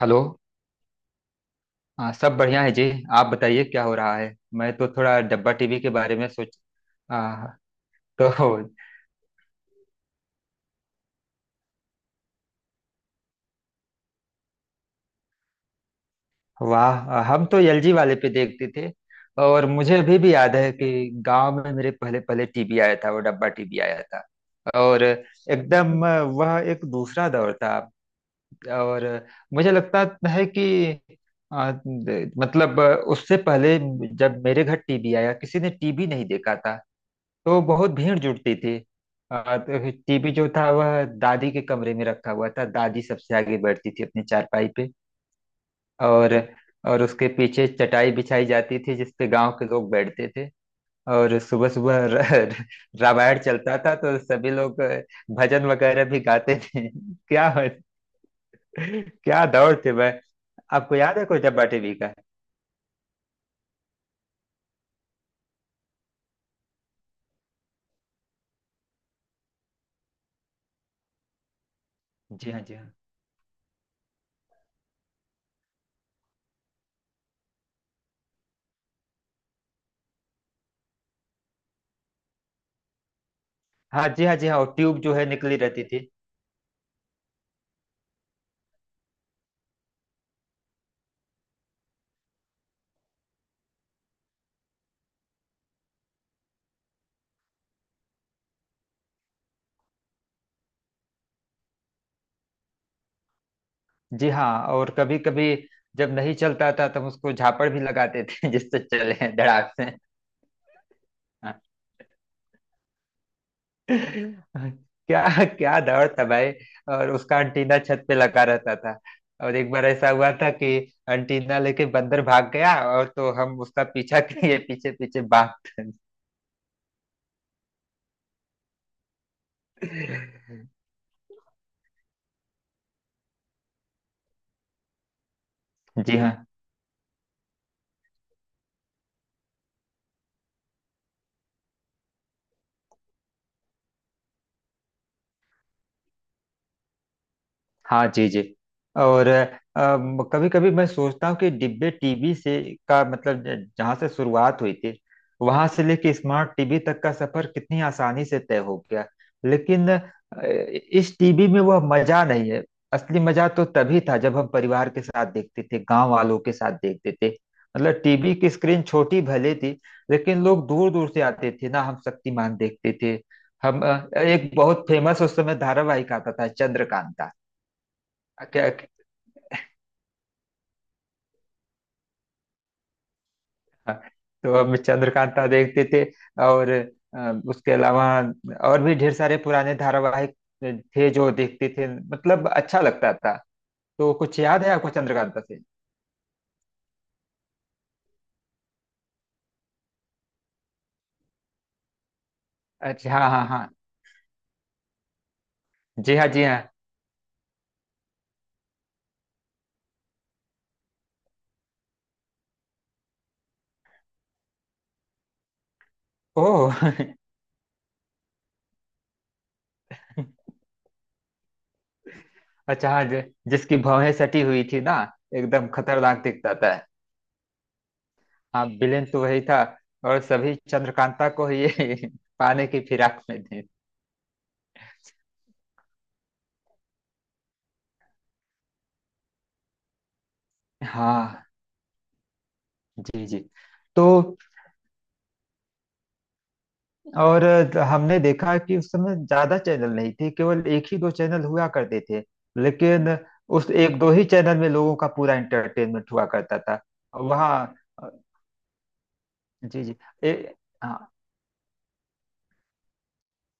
Hello. हाँ, सब बढ़िया है जी। आप बताइए, क्या हो रहा है। मैं तो थोड़ा डब्बा टीवी के बारे में सोच आ, तो वाह, हम तो एलजी वाले पे देखते थे। और मुझे अभी भी याद है कि गांव में मेरे पहले पहले टीवी आया था, वो डब्बा टीवी आया था। और एकदम वह एक दूसरा दौर था। और मुझे लगता है कि मतलब उससे पहले जब मेरे घर टीवी आया, किसी ने टीवी नहीं देखा था, तो बहुत भीड़ जुटती थी। तो टीवी जो था वह दादी के कमरे में रखा हुआ था। दादी सबसे आगे बैठती थी अपनी चारपाई पे। और और उसके पीछे चटाई बिछाई जाती थी जिसपे गांव के लोग बैठते थे। और सुबह सुबह रामायण चलता था तो सभी लोग भजन वगैरह भी गाते थे क्या क्या दौर थे वह। आपको याद है कोई डब्बा टीवी का? जी हाँ, जी हाँ। हाँ जी, हाँ जी, हाँ। और ट्यूब जो है निकली रहती थी। जी हाँ। और कभी कभी जब नहीं चलता था तब उसको झापड़ भी लगाते थे जिससे चले धड़ाक से। हाँ। क्या क्या दौड़ था भाई। और उसका अंटीना छत पे लगा रहता था। और एक बार ऐसा हुआ था कि अंटीना लेके बंदर भाग गया, और तो हम उसका पीछा किए, पीछे पीछे भागते। जी हाँ। हाँ जी जी। और कभी कभी मैं सोचता हूँ कि डिब्बे टीवी से का मतलब जहाँ से शुरुआत हुई थी वहां से लेके स्मार्ट टीवी तक का सफर कितनी आसानी से तय हो गया। लेकिन इस टीवी में वह मजा नहीं है। असली मजा तो तभी था जब हम परिवार के साथ देखते थे, गांव वालों के साथ देखते थे। मतलब टीवी की स्क्रीन छोटी भले थी, लेकिन लोग दूर दूर से आते थे ना। हम शक्तिमान देखते थे। हम एक बहुत फेमस उस समय धारावाहिक आता था चंद्रकांता। क्या क्या- हाँ, तो हम चंद्रकांता देखते थे। और उसके अलावा और भी ढेर सारे पुराने धारावाहिक थे जो देखते थे, मतलब अच्छा लगता था। तो कुछ याद है आपको चंद्रकांता से? अच्छा, हाँ हाँ हाँ। जी हाँ, जी हाँ। ओह अच्छा हाँ, जिसकी भौहें सटी हुई थी ना, एकदम खतरनाक दिखता था। हाँ, विलेन तो वही था। और सभी चंद्रकांता को ये पाने की फिराक में थे। हाँ जी जी। तो और हमने देखा कि उस समय ज्यादा चैनल नहीं थे, केवल एक ही दो चैनल हुआ करते थे। लेकिन उस एक दो ही चैनल में लोगों का पूरा एंटरटेनमेंट हुआ करता था। वहाँ अ, जी जी। ए, हाँ।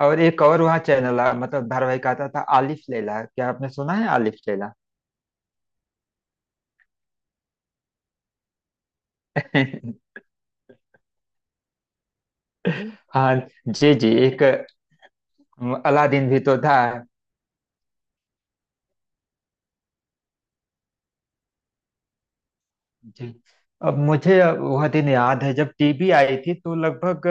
और एक और वहाँ चैनल मतलब धारावाहिक आता था आलिफ लैला। क्या आपने सुना है आलिफ लैला? हाँ जी जी। एक अलादीन भी तो था। जी। अब मुझे वह दिन याद है जब टीवी आई थी तो लगभग।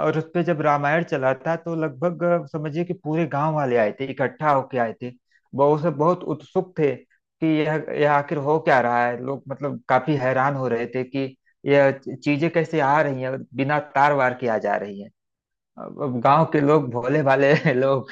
और उस पे जब रामायण चला था तो लगभग समझिए कि पूरे गांव वाले आए थे, इकट्ठा होके आए थे। बहुत सब बहुत उत्सुक थे कि यह आखिर हो क्या रहा है। लोग मतलब काफी हैरान हो रहे थे कि यह चीजें कैसे आ रही हैं, बिना तार वार के आ जा रही हैं। अब गांव के लोग भोले भाले लोग।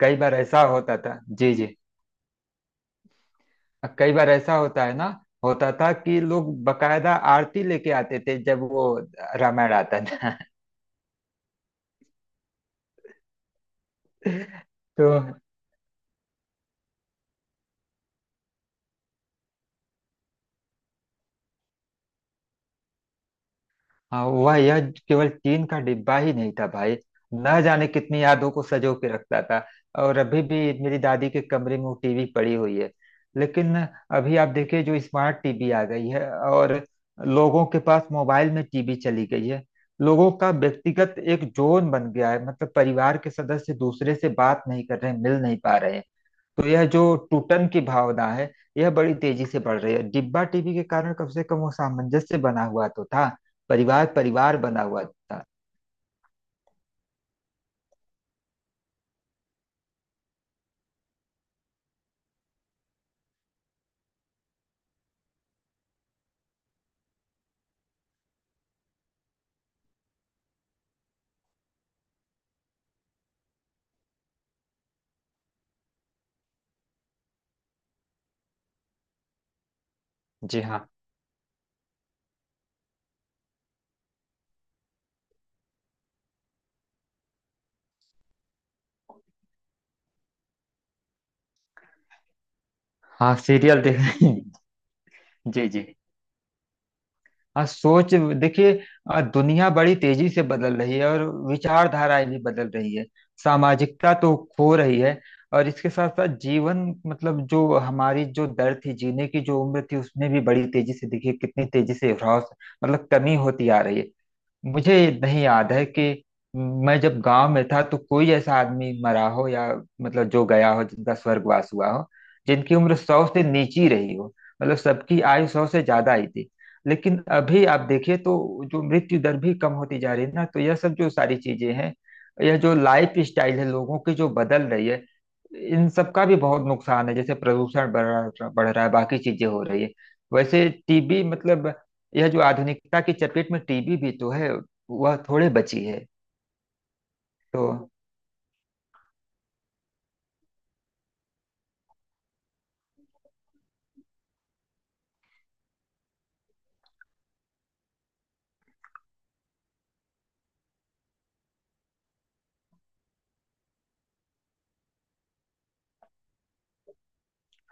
कई बार ऐसा होता था, जी जी। कई बार ऐसा होता है ना, होता था कि लोग बकायदा आरती लेके आते थे जब वो रामायण आता था तो हाँ, वह यह केवल टीन का डिब्बा ही नहीं था भाई, न जाने कितनी यादों को सजो के रखता था। और अभी भी मेरी दादी के कमरे में वो टीवी पड़ी हुई है। लेकिन अभी आप देखिए जो स्मार्ट टीवी आ गई है, और लोगों के पास मोबाइल में टीवी चली गई है, लोगों का व्यक्तिगत एक जोन बन गया है, मतलब परिवार के सदस्य दूसरे से बात नहीं कर रहे, मिल नहीं पा रहे। तो यह जो टूटन की भावना है, यह बड़ी तेजी से बढ़ रही है। डिब्बा टीवी के कारण कम से कम वो सामंजस्य बना हुआ तो था, परिवार परिवार बना हुआ था। जी हाँ। हाँ सीरियल देख रही हैं। जी जी। हाँ सोच, देखिए दुनिया बड़ी तेजी से बदल रही है और विचारधाराएं भी बदल रही है। सामाजिकता तो खो रही है। और इसके साथ साथ जीवन मतलब जो हमारी जो दर थी जीने की, जो उम्र थी उसमें भी बड़ी तेजी से देखिए कितनी तेजी से ह्रास मतलब कमी होती आ रही है। मुझे नहीं याद है कि मैं जब गांव में था तो कोई ऐसा आदमी मरा हो, या मतलब जो गया हो, जिनका स्वर्गवास हुआ हो, जिनकी उम्र 100 से नीची रही हो, मतलब सबकी आयु 100 से ज्यादा ही थी। लेकिन अभी आप देखिए तो जो मृत्यु दर भी कम होती जा रही है ना, तो यह सब जो सारी चीजें हैं, यह जो लाइफ स्टाइल है लोगों की जो बदल रही है, इन सब का भी बहुत नुकसान है। जैसे प्रदूषण बढ़ रहा है, बाकी चीजें हो रही है, वैसे टीबी मतलब यह जो आधुनिकता की चपेट में टीबी भी तो है, वह थोड़े बची है। तो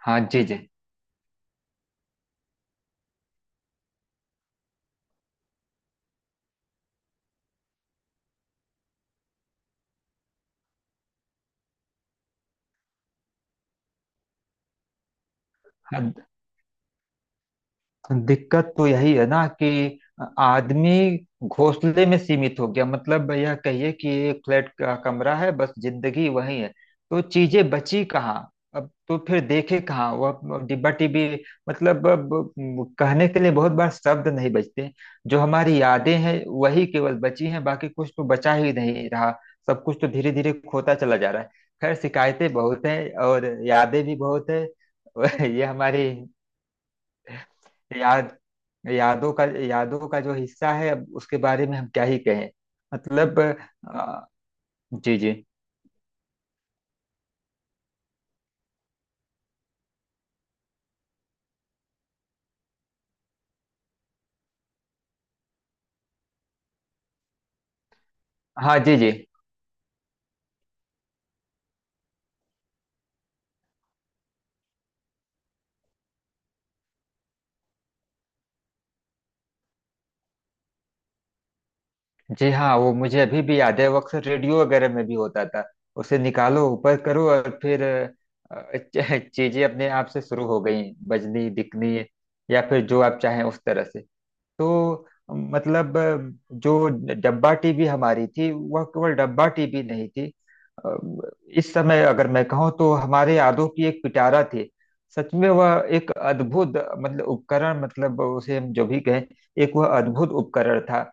हाँ जी जी। हाँ, दिक्कत तो यही है ना कि आदमी घोंसले में सीमित हो गया, मतलब यह कहिए कि एक फ्लैट का कमरा है, बस जिंदगी वही है। तो चीजें बची कहाँ, अब तो फिर देखे कहाँ वह डिब्बा टिब्बी, मतलब अब कहने के लिए बहुत बार शब्द नहीं बचते। जो हमारी यादें हैं, वही केवल बची हैं, बाकी कुछ तो बचा ही नहीं रहा। सब कुछ तो धीरे धीरे खोता चला जा रहा है। खैर, शिकायतें बहुत हैं और यादें भी बहुत है। ये हमारी याद यादों का जो हिस्सा है अब उसके बारे में हम क्या ही कहें, मतलब अ, जी जी। हाँ जी जी। जी हाँ वो मुझे अभी भी याद है, वो अक्सर रेडियो वगैरह में भी होता था। उसे निकालो ऊपर करो और फिर चीजें अपने आप से शुरू हो गई, बजनी दिखनी, या फिर जो आप चाहें उस तरह से। तो मतलब जो डब्बा टीवी हमारी थी वह केवल डब्बा टीवी नहीं थी, अ, इस समय अगर मैं कहूँ तो हमारे यादों की एक पिटारा थी। सच में वह एक अद्भुत मतलब उपकरण, मतलब उसे हम जो भी कहें, एक वह अद्भुत उपकरण था।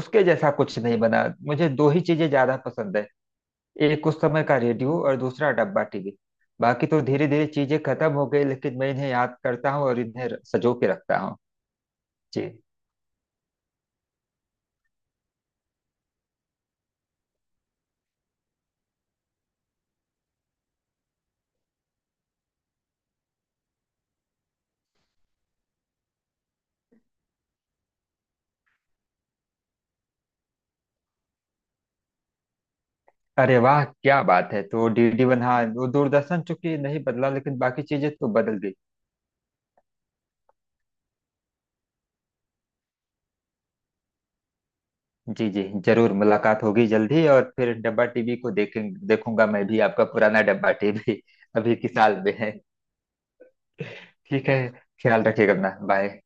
उसके जैसा कुछ नहीं बना। मुझे दो ही चीजें ज्यादा पसंद है, एक उस समय का रेडियो और दूसरा डब्बा टीवी। बाकी तो धीरे धीरे चीजें खत्म हो गई, लेकिन मैं इन्हें याद करता हूँ और इन्हें सजो के रखता हूँ। जी। अरे वाह, क्या बात है। तो DD1, हाँ वो दूरदर्शन चूंकि नहीं बदला, लेकिन बाकी चीजें तो बदल गई। जी जी, जरूर मुलाकात होगी जल्दी, और फिर डब्बा टीवी को देखेंगे, देखूंगा मैं भी आपका पुराना डब्बा टीवी अभी किस साल में है? ठीक है, ख्याल रखिएगा अपना, बाय।